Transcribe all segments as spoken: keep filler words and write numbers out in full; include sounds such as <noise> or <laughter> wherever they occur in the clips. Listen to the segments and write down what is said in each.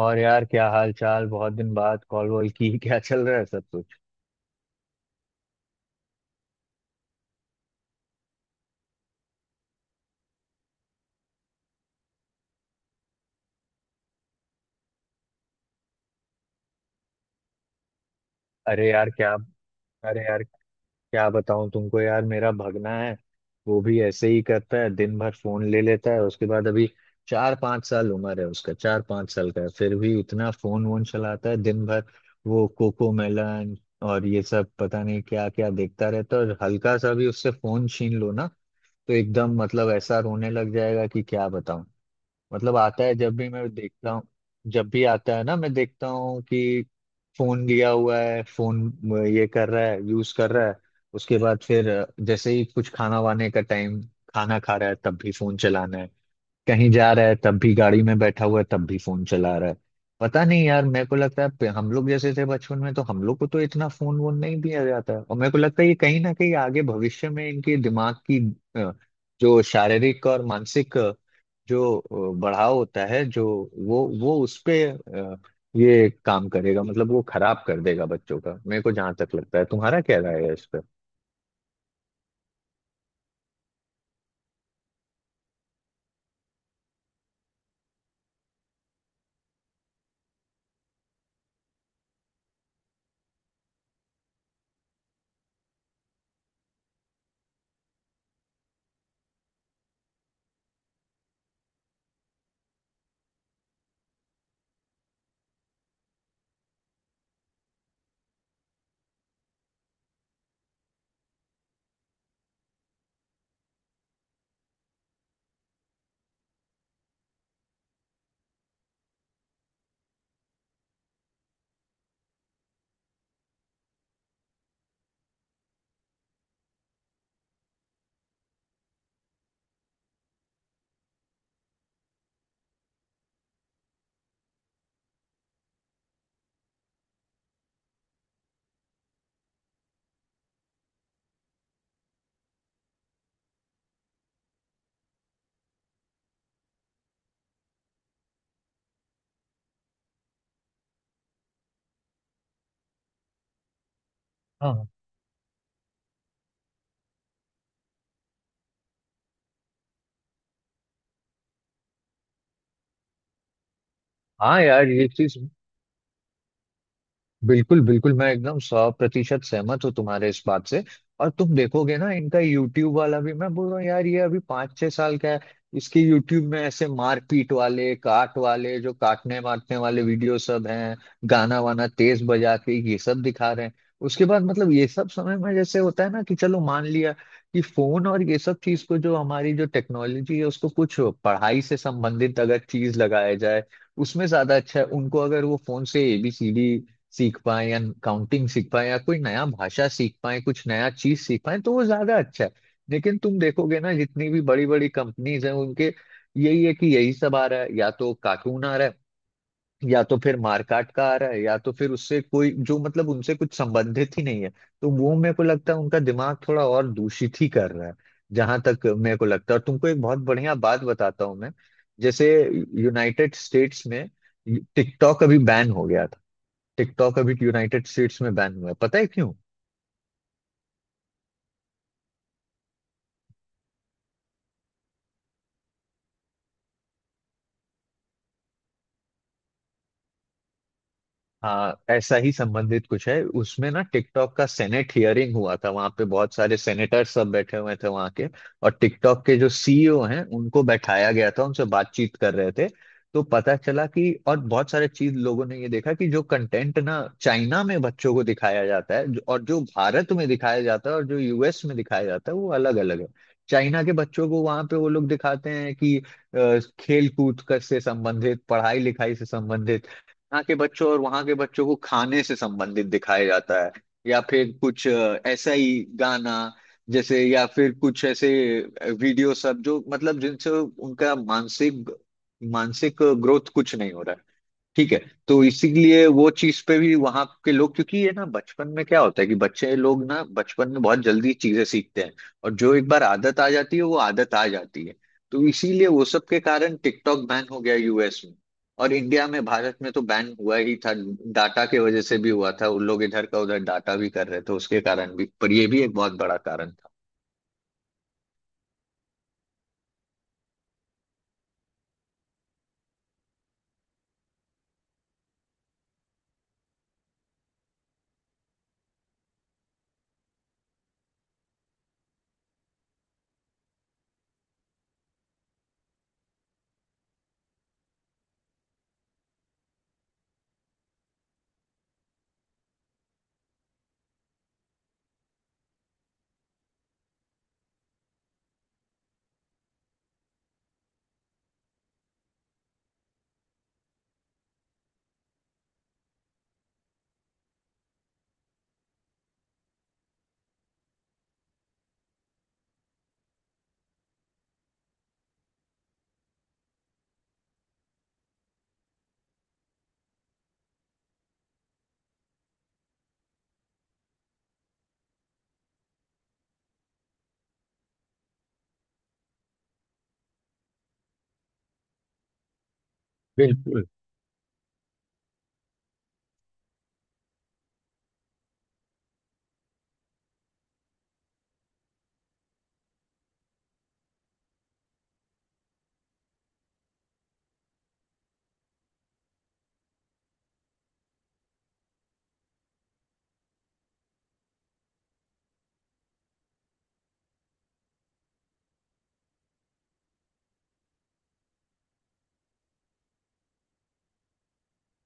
और यार, क्या हाल चाल? बहुत दिन बाद कॉल वॉल की <laughs> क्या चल रहा है सब कुछ? अरे यार क्या अरे यार क्या बताऊं तुमको, यार। मेरा भगना है। वो भी ऐसे ही करता है, दिन भर फोन ले लेता है। उसके बाद अभी चार पाँच साल उम्र है उसका, चार पाँच साल का है, फिर भी इतना फोन वोन चलाता है दिन भर। वो कोको मेलन और ये सब पता नहीं क्या क्या देखता रहता है। और हल्का सा भी उससे फोन छीन लो ना तो एकदम, मतलब, ऐसा रोने लग जाएगा कि क्या बताऊं। मतलब, आता है जब भी, मैं देखता हूँ। जब भी आता है ना, मैं देखता हूँ कि फोन लिया हुआ है। फोन ये कर रहा है, यूज कर रहा है। उसके बाद फिर जैसे ही कुछ खाना वाने का टाइम, खाना खा रहा है तब भी फोन चलाना है। कहीं जा रहा है तब भी, गाड़ी में बैठा हुआ है तब भी फोन चला रहा है। पता नहीं यार, मेरे को लगता है पे- हम लोग जैसे थे बचपन में, तो हम लोग को तो इतना फोन वोन नहीं दिया जाता है। और मेरे को लगता है ये कहीं ना कहीं आगे भविष्य में इनके दिमाग की अ, जो शारीरिक और मानसिक अ, जो अ, बढ़ाव होता है, जो वो वो उस पे अ, ये काम करेगा, मतलब वो खराब कर देगा बच्चों का, मेरे को जहाँ तक लगता है। तुम्हारा क्या राय है इस पे? हाँ, हाँ यार, ये चीज बिल्कुल, बिल्कुल, मैं एकदम सौ प्रतिशत सहमत हूँ तुम्हारे इस बात से। और तुम देखोगे ना, इनका यूट्यूब वाला भी, मैं बोल रहा हूँ यार, ये अभी पाँच छह साल का है। इसके यूट्यूब में ऐसे मारपीट वाले, काट वाले, जो काटने मारने वाले वीडियो सब हैं। गाना वाना तेज बजा के ये सब दिखा रहे हैं। उसके बाद मतलब ये सब समय में जैसे होता है ना कि चलो, मान लिया कि फोन और ये सब चीज को, जो हमारी जो टेक्नोलॉजी है, उसको कुछ पढ़ाई से संबंधित अगर चीज लगाया जाए, उसमें ज्यादा अच्छा है। उनको अगर वो फोन से ए बी सी डी सीख पाए, या काउंटिंग सीख पाए, या कोई नया भाषा सीख पाए, कुछ नया चीज सीख पाए, तो वो ज्यादा अच्छा है। लेकिन तुम देखोगे ना, जितनी भी बड़ी बड़ी कंपनीज हैं, उनके यही है कि यही सब आ रहा है, या तो कार्टून आ रहा है, या तो फिर मारकाट का आ रहा है, या तो फिर उससे कोई जो, मतलब, उनसे कुछ संबंधित ही नहीं है। तो वो मेरे को लगता है उनका दिमाग थोड़ा और दूषित ही कर रहा है, जहां तक मेरे को लगता है। और तुमको एक बहुत बढ़िया बात बताता हूँ मैं। जैसे, यूनाइटेड स्टेट्स में टिकटॉक अभी बैन हो गया। टिकटॉक अभी यूनाइटेड स्टेट्स में बैन हुआ है, पता है क्यों? हाँ, ऐसा ही संबंधित कुछ है उसमें ना। टिकटॉक का सेनेट हियरिंग हुआ था, वहां पे बहुत सारे सेनेटर सब बैठे हुए थे वहां के। और टिकटॉक के जो सी ई ओ हैं उनको बैठाया गया था, उनसे बातचीत कर रहे थे। तो पता चला कि, और बहुत सारे चीज लोगों ने ये देखा कि, जो कंटेंट ना चाइना में बच्चों को दिखाया जाता है जो- और जो भारत में दिखाया जाता है और जो यू एस में दिखाया जाता है, वो अलग अलग है। चाइना के बच्चों को वहां पे वो लोग दिखाते हैं कि अ, खेल कूद कर से संबंधित, पढ़ाई लिखाई से संबंधित। यहाँ के बच्चों और वहाँ के बच्चों को खाने से संबंधित दिखाया जाता है, या फिर कुछ अ, ऐसा ही गाना जैसे, या फिर कुछ ऐसे वीडियो सब, जो मतलब जिनसे उनका मानसिक मानसिक ग्रोथ कुछ नहीं हो रहा है। ठीक है? तो इसीलिए वो चीज पे भी वहां के लोग, क्योंकि ये ना बचपन में क्या होता है कि बच्चे लोग ना बचपन में बहुत जल्दी चीजें सीखते हैं, और जो एक बार आदत आ जाती है वो आदत आ जाती है। तो इसीलिए वो सब के कारण टिकटॉक बैन हो गया यू एस में। और इंडिया में, भारत में तो बैन हुआ ही था, डाटा के वजह से भी हुआ था, उन लोग इधर का उधर डाटा भी कर रहे थे उसके कारण भी, पर ये भी एक बहुत बड़ा कारण था। बिल्कुल।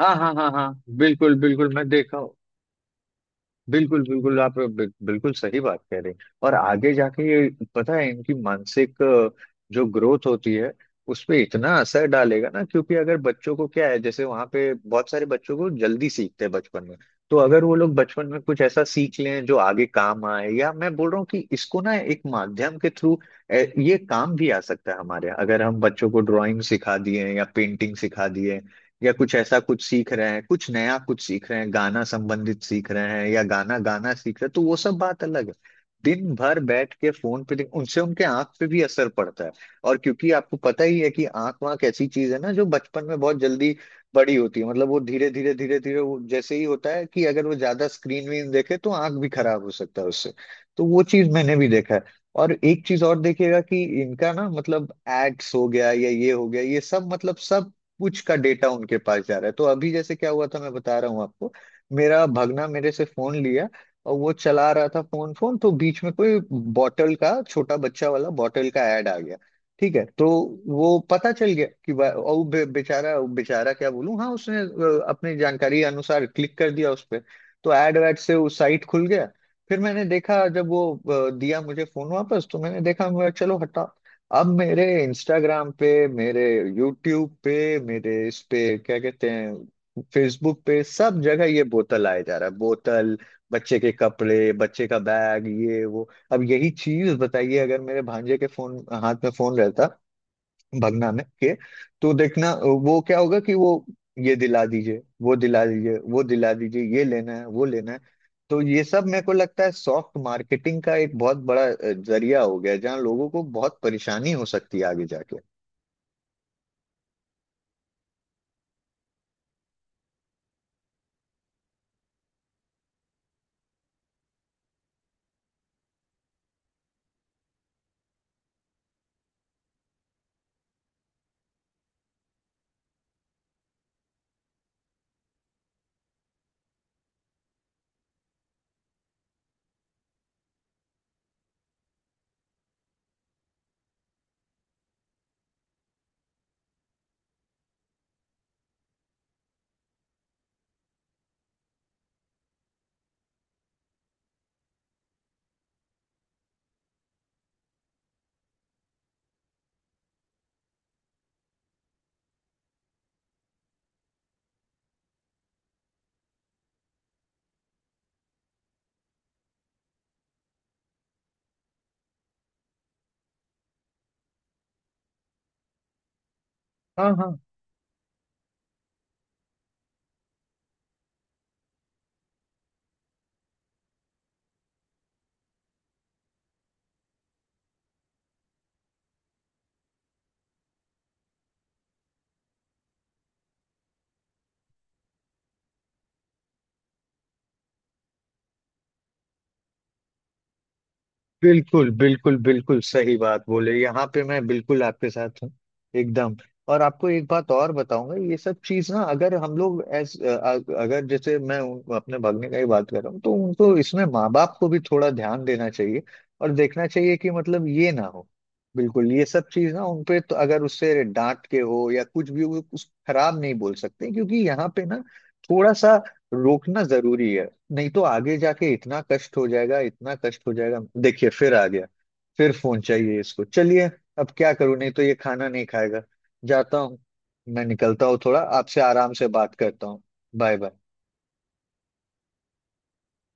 हाँ, हाँ, हाँ, हाँ, बिल्कुल, बिल्कुल, मैं देखा। बिल्कुल, बिल्कुल, आप बिल- बिल्कुल सही बात कह रहे हैं। और आगे जाके ये, पता है, इनकी मानसिक अ, जो ग्रोथ होती है, उस पे इतना असर डालेगा ना। क्योंकि अगर बच्चों को क्या है, जैसे वहां पे बहुत सारे बच्चों को जल्दी सीखते हैं बचपन में, तो अगर वो लोग बचपन में कुछ ऐसा सीख लें जो आगे काम आए, या मैं बोल रहा हूँ कि इसको ना एक माध्यम के थ्रू ये काम भी आ सकता है हमारे यहाँ। अगर हम बच्चों को ड्राइंग सिखा दिए या पेंटिंग सिखा दिए, या कुछ ऐसा कुछ सीख रहे हैं, कुछ नया कुछ सीख रहे हैं, गाना संबंधित सीख रहे हैं या गाना गाना सीख रहे हैं, तो वो सब बात अलग है। दिन भर बैठ के फोन पे देख- उनसे, उनके आंख पे भी असर पड़ता है। और क्योंकि आपको पता ही है कि आंख वाँख ऐसी चीज है ना जो बचपन में बहुत जल्दी बड़ी होती है, मतलब वो धीरे धीरे धीरे धीरे, वो जैसे ही होता है कि अगर वो ज्यादा स्क्रीन वीन देखे तो आंख भी खराब हो सकता है उससे। तो वो चीज मैंने भी देखा है। और एक चीज और देखिएगा कि इनका ना, मतलब, एड्स हो गया या ये हो गया, ये सब मतलब सब कुछ का डेटा उनके पास जा रहा है। तो अभी जैसे क्या हुआ था मैं बता रहा हूँ आपको। मेरा भगना मेरे से फोन लिया और वो चला रहा था फोन। फोन तो बीच में कोई बॉटल का, छोटा बच्चा वाला बॉटल का, ऐड आ गया। ठीक है? तो वो पता चल गया कि वा- और वो बे, बेचारा, बेचारा क्या बोलूं, हाँ, उसने अ, अपनी जानकारी अनुसार क्लिक कर दिया उस पर। तो ऐड वैड से वो साइट खुल गया। फिर मैंने देखा जब वो अ, दिया मुझे फोन वापस, तो मैंने देखा, मैं, चलो हटा। अब मेरे इंस्टाग्राम पे, मेरे यूट्यूब पे, मेरे इस पे क्या कहते हैं, फेसबुक पे, सब जगह ये बोतल आया जा रहा है, बोतल, बच्चे के कपड़े, बच्चे का बैग, ये वो। अब यही चीज बताइए, अगर मेरे भांजे के फोन हाथ में फोन रहता, भगना में के, तो देखना वो क्या होगा कि वो, ये दिला दीजिए, वो दिला दीजिए, वो दिला दीजिए, ये लेना है, वो लेना है। तो ये सब मेरे को लगता है सॉफ्ट मार्केटिंग का एक बहुत बड़ा अ, जरिया हो गया है, जहाँ लोगों को बहुत परेशानी हो सकती है आगे जाके। बिल्कुल, बिल्कुल, बिल्कुल सही बात बोले, यहाँ पे मैं बिल्कुल आपके साथ हूँ, एकदम। और आपको एक बात और बताऊंगा, ये सब चीज ना, अगर हम लोग एस अगर, जैसे मैं उन- अपने भागने का ही बात कर रहा हूँ, तो उनको इसमें, माँ बाप को भी थोड़ा ध्यान देना चाहिए और देखना चाहिए कि, मतलब, ये ना हो। बिल्कुल ये सब चीज ना उनपे, तो अगर उससे डांट के हो या कुछ भी हो, कुछ खराब नहीं बोल सकते, क्योंकि यहाँ पे ना थोड़ा सा रोकना जरूरी है। नहीं तो आगे जाके इतना कष्ट हो जाएगा, इतना कष्ट हो जाएगा। देखिए, फिर आ गया, फिर फोन चाहिए इसको। चलिए, अब क्या करूं, नहीं तो ये खाना नहीं खाएगा। जाता हूँ, मैं निकलता हूँ, थोड़ा आपसे आराम से बात करता हूँ। Bye bye.